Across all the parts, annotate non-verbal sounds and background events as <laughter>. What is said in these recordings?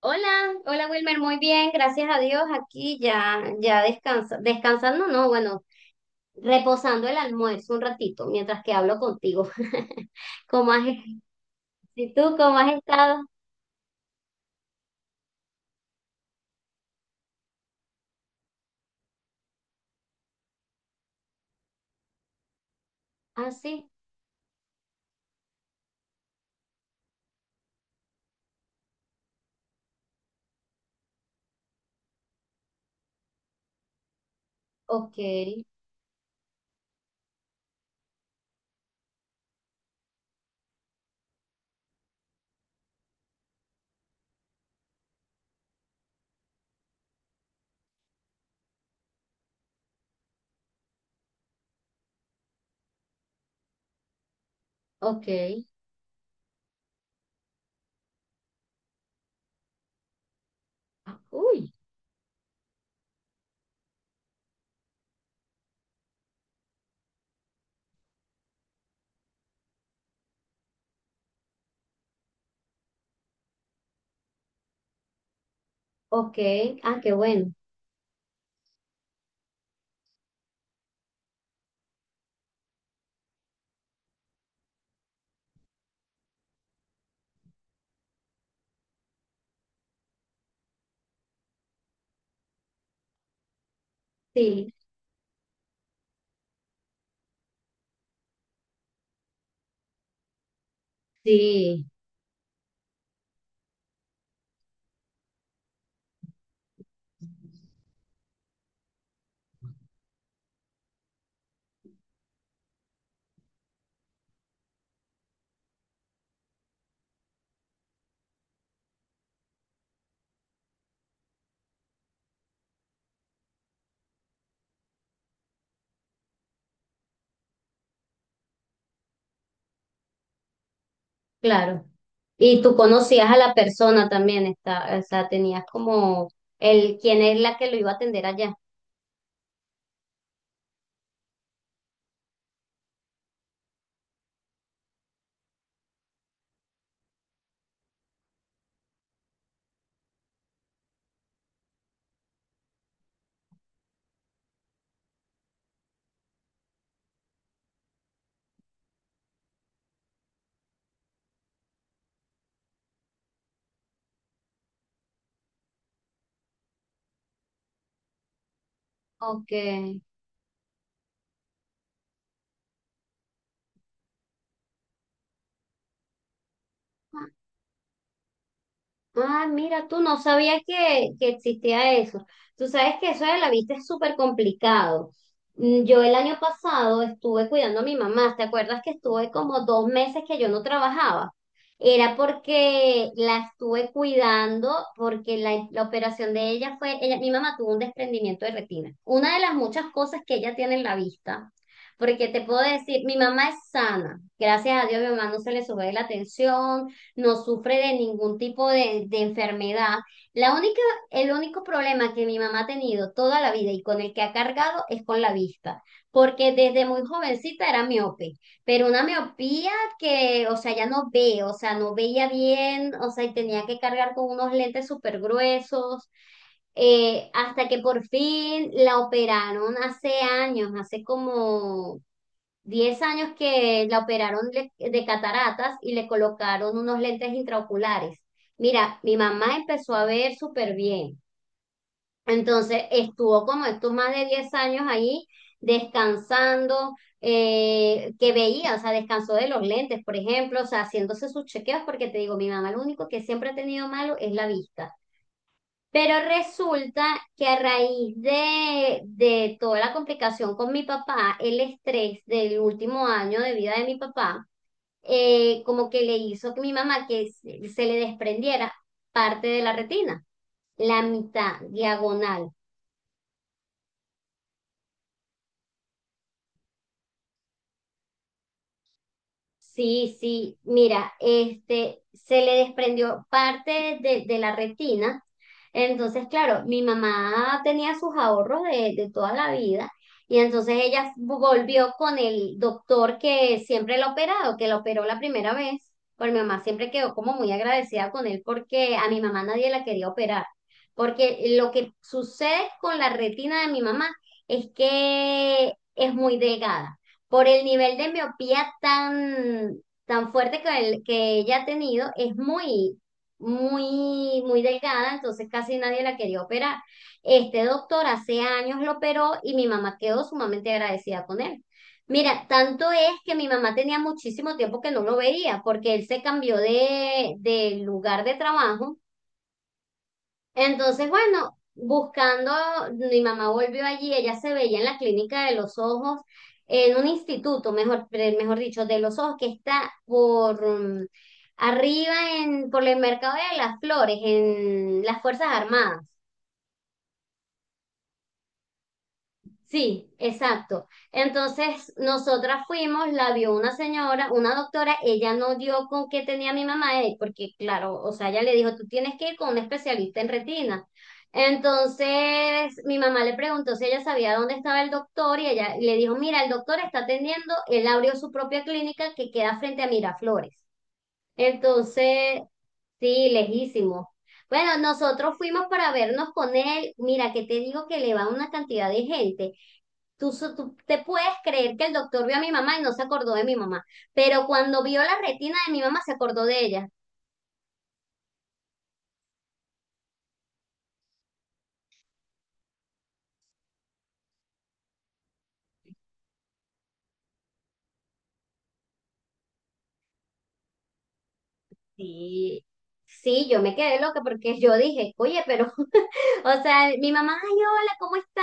Hola, hola Wilmer, muy bien, gracias a Dios, aquí ya, ya descansando, no, bueno, reposando el almuerzo un ratito mientras que hablo contigo. <laughs> ¿Cómo has, ¿Y tú cómo has estado? Ah, sí, ok, ok, ah, uy, ok, ah, qué bueno, sí, sí, claro. Y tú conocías a la persona también, está, o sea, tenías como el, quién es la que lo iba a atender allá. Ok, ah, ah, mira, tú no sabías que existía eso. Tú sabes que eso de la vista es súper complicado. Mm, yo el año pasado estuve cuidando a mi mamá. ¿Te acuerdas que estuve como 2 meses que yo no trabajaba? Era porque la estuve cuidando, porque la operación de ella fue, ella, mi mamá tuvo un desprendimiento de retina. Una de las muchas cosas que ella tiene en la vista, porque te puedo decir, mi mamá es sana. Gracias a Dios, mi mamá no se le sube la tensión, no sufre de ningún tipo de enfermedad. La única, el único problema que mi mamá ha tenido toda la vida y con el que ha cargado es con la vista, porque desde muy jovencita era miope, pero una miopía que, o sea, ya no ve, o sea, no veía bien, o sea, y tenía que cargar con unos lentes súper gruesos, hasta que por fin la operaron hace años, hace como 10 años que la operaron le- de cataratas y le colocaron unos lentes intraoculares. Mira, mi mamá empezó a ver súper bien. Entonces estuvo como estos más de 10 años ahí descansando, que veía, o sea, descansó de los lentes, por ejemplo, o sea, haciéndose sus chequeos, porque te digo, mi mamá lo único que siempre ha tenido malo es la vista. Pero resulta que a raíz de toda la complicación con mi papá, el estrés del último año de vida de mi papá, como que le hizo que mi mamá que se le desprendiera parte de la retina, la mitad diagonal. Sí, sí, mira, este, se le desprendió parte de la retina. Entonces, claro, mi mamá tenía sus ahorros de toda la vida y entonces ella volvió con el doctor que siempre la ha operado, que la operó la primera vez. Pues mi mamá siempre quedó como muy agradecida con él porque a mi mamá nadie la quería operar. Porque lo que sucede con la retina de mi mamá es que es muy delgada por el nivel de miopía tan, tan fuerte que, el- que ella ha tenido, es muy, muy, muy delgada, entonces casi nadie la quería operar. Este doctor hace años lo operó y mi mamá quedó sumamente agradecida con él. Mira, tanto es que mi mamá tenía muchísimo tiempo que no lo veía, porque él se cambió de lugar de trabajo. Entonces, bueno, buscando, mi mamá volvió allí, ella se veía en la clínica de los ojos, en un instituto, mejor, pre- mejor dicho, de los ojos, que está por arriba en, por el mercado de las flores, en las Fuerzas Armadas. Sí, exacto. Entonces, nosotras fuimos, la vio una señora, una doctora, ella no dio con qué tenía mi mamá, porque claro, o sea, ella le dijo, tú tienes que ir con un especialista en retina. Entonces, mi mamá le preguntó si ella sabía dónde estaba el doctor y ella le dijo, mira, el doctor está atendiendo, él abrió su propia clínica que queda frente a Miraflores. Entonces, sí, lejísimo. Bueno, nosotros fuimos para vernos con él. Mira, que te digo que le va una cantidad de gente. Tú, so- tú te puedes creer que el doctor vio a mi mamá y no se acordó de mi mamá, pero cuando vio la retina de mi mamá se acordó de ella. Sí, sí, yo me quedé loca porque yo dije, oye, pero, <laughs> o sea, mi mamá, ay, hola, ¿cómo está?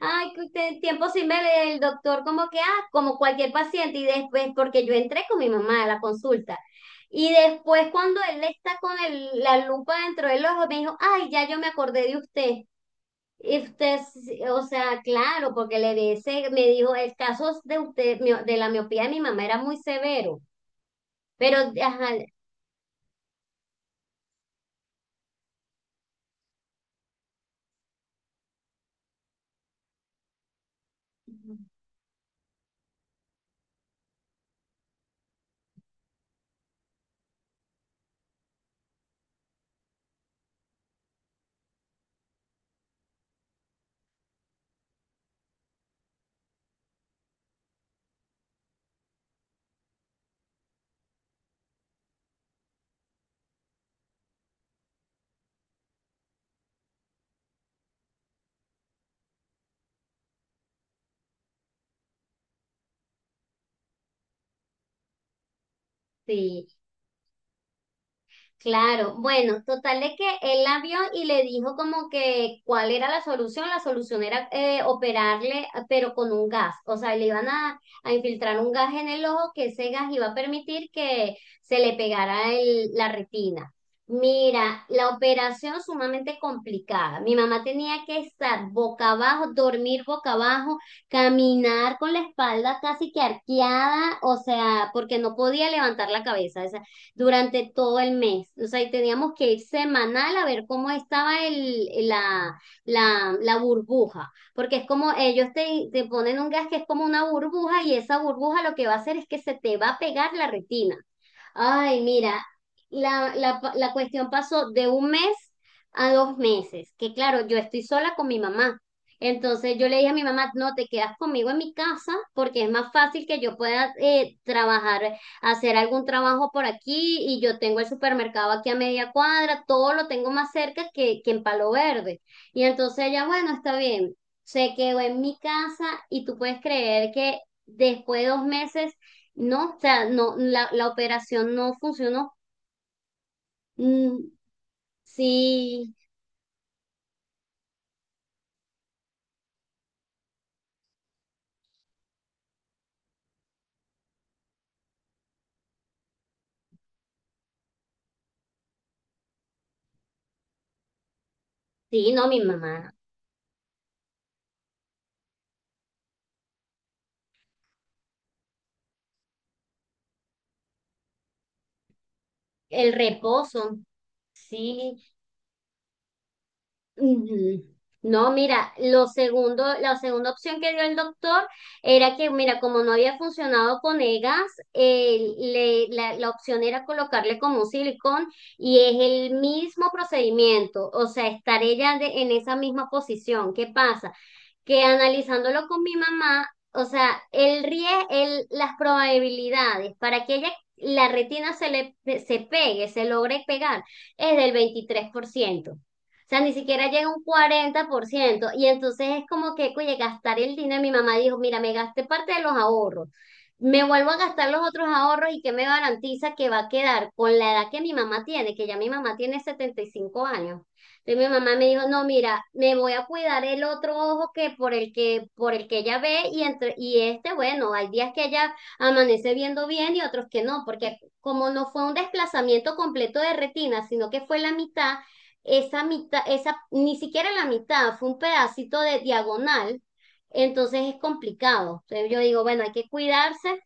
Ay, que usted- tiempo sin ver el doctor, como que, ah, como cualquier paciente, y después, porque yo entré con mi mamá a la consulta. Y después cuando él está con el- la lupa dentro del ojo, me dijo, ay, ya yo me acordé de usted. Y usted, sí, o sea, claro, porque le dice, me dijo, el caso de usted, mio- de la miopía de mi mamá era muy severo, pero, ajá, sí. Claro, bueno, total de que él la vio y le dijo como que cuál era la solución. La solución era operarle, pero con un gas. O sea, le iban a infiltrar un gas en el ojo que ese gas iba a permitir que se le pegara el- la retina. Mira, la operación sumamente complicada. Mi mamá tenía que estar boca abajo, dormir boca abajo, caminar con la espalda casi que arqueada, o sea, porque no podía levantar la cabeza durante todo el mes. O sea, y teníamos que ir semanal a ver cómo estaba la burbuja, porque es como ellos te ponen un gas que es como una burbuja y esa burbuja lo que va a hacer es que se te va a pegar la retina. Ay, mira, la cuestión pasó de un mes a 2 meses, que claro, yo estoy sola con mi mamá. Entonces yo le dije a mi mamá, no, te quedas conmigo en mi casa porque es más fácil que yo pueda trabajar, hacer algún trabajo por aquí y yo tengo el supermercado aquí a media cuadra, todo lo tengo más cerca que en Palo Verde. Y entonces ella, bueno, está bien, se quedó en mi casa y tú puedes creer que después de 2 meses no, o sea, no, la operación no funcionó. Mm, sí, sí, no, mi mamá. El reposo, sí. Mm, no, mira, lo segundo, la segunda opción que dio el doctor era que, mira, como no había funcionado con EGAS, le- la opción era colocarle como un silicón y es el mismo procedimiento, o sea, estar ella de- en esa misma posición. ¿Qué pasa? Que analizándolo con mi mamá, o sea, el riesgo, las probabilidades para que ella, la retina se le se pegue, se logre pegar, es del 23%. O sea, ni siquiera llega a un 40%. Y entonces es como que, oye, gastar el dinero. Mi mamá dijo, mira, me gasté parte de los ahorros. Me vuelvo a gastar los otros ahorros y que me garantiza que va a quedar con la edad que mi mamá tiene, que ya mi mamá tiene 75 años. Entonces mi mamá me dijo, no, mira, me voy a cuidar el otro ojo que por el que, por el que ella ve y entre, y este, bueno, hay días que ella amanece viendo bien y otros que no, porque como no fue un desplazamiento completo de retina, sino que fue la mitad, esa, ni siquiera la mitad, fue un pedacito de diagonal, entonces es complicado. Entonces yo digo, bueno, hay que cuidarse,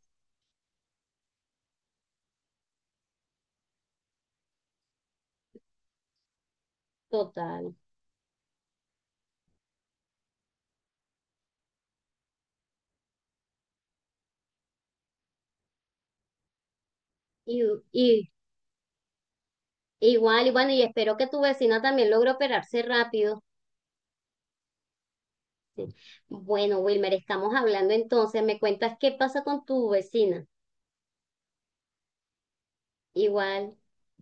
total. Y, y igual, y bueno, y espero que tu vecina también logre operarse rápido. Sí. Bueno, Wilmer, estamos hablando entonces. Me cuentas qué pasa con tu vecina. Igual.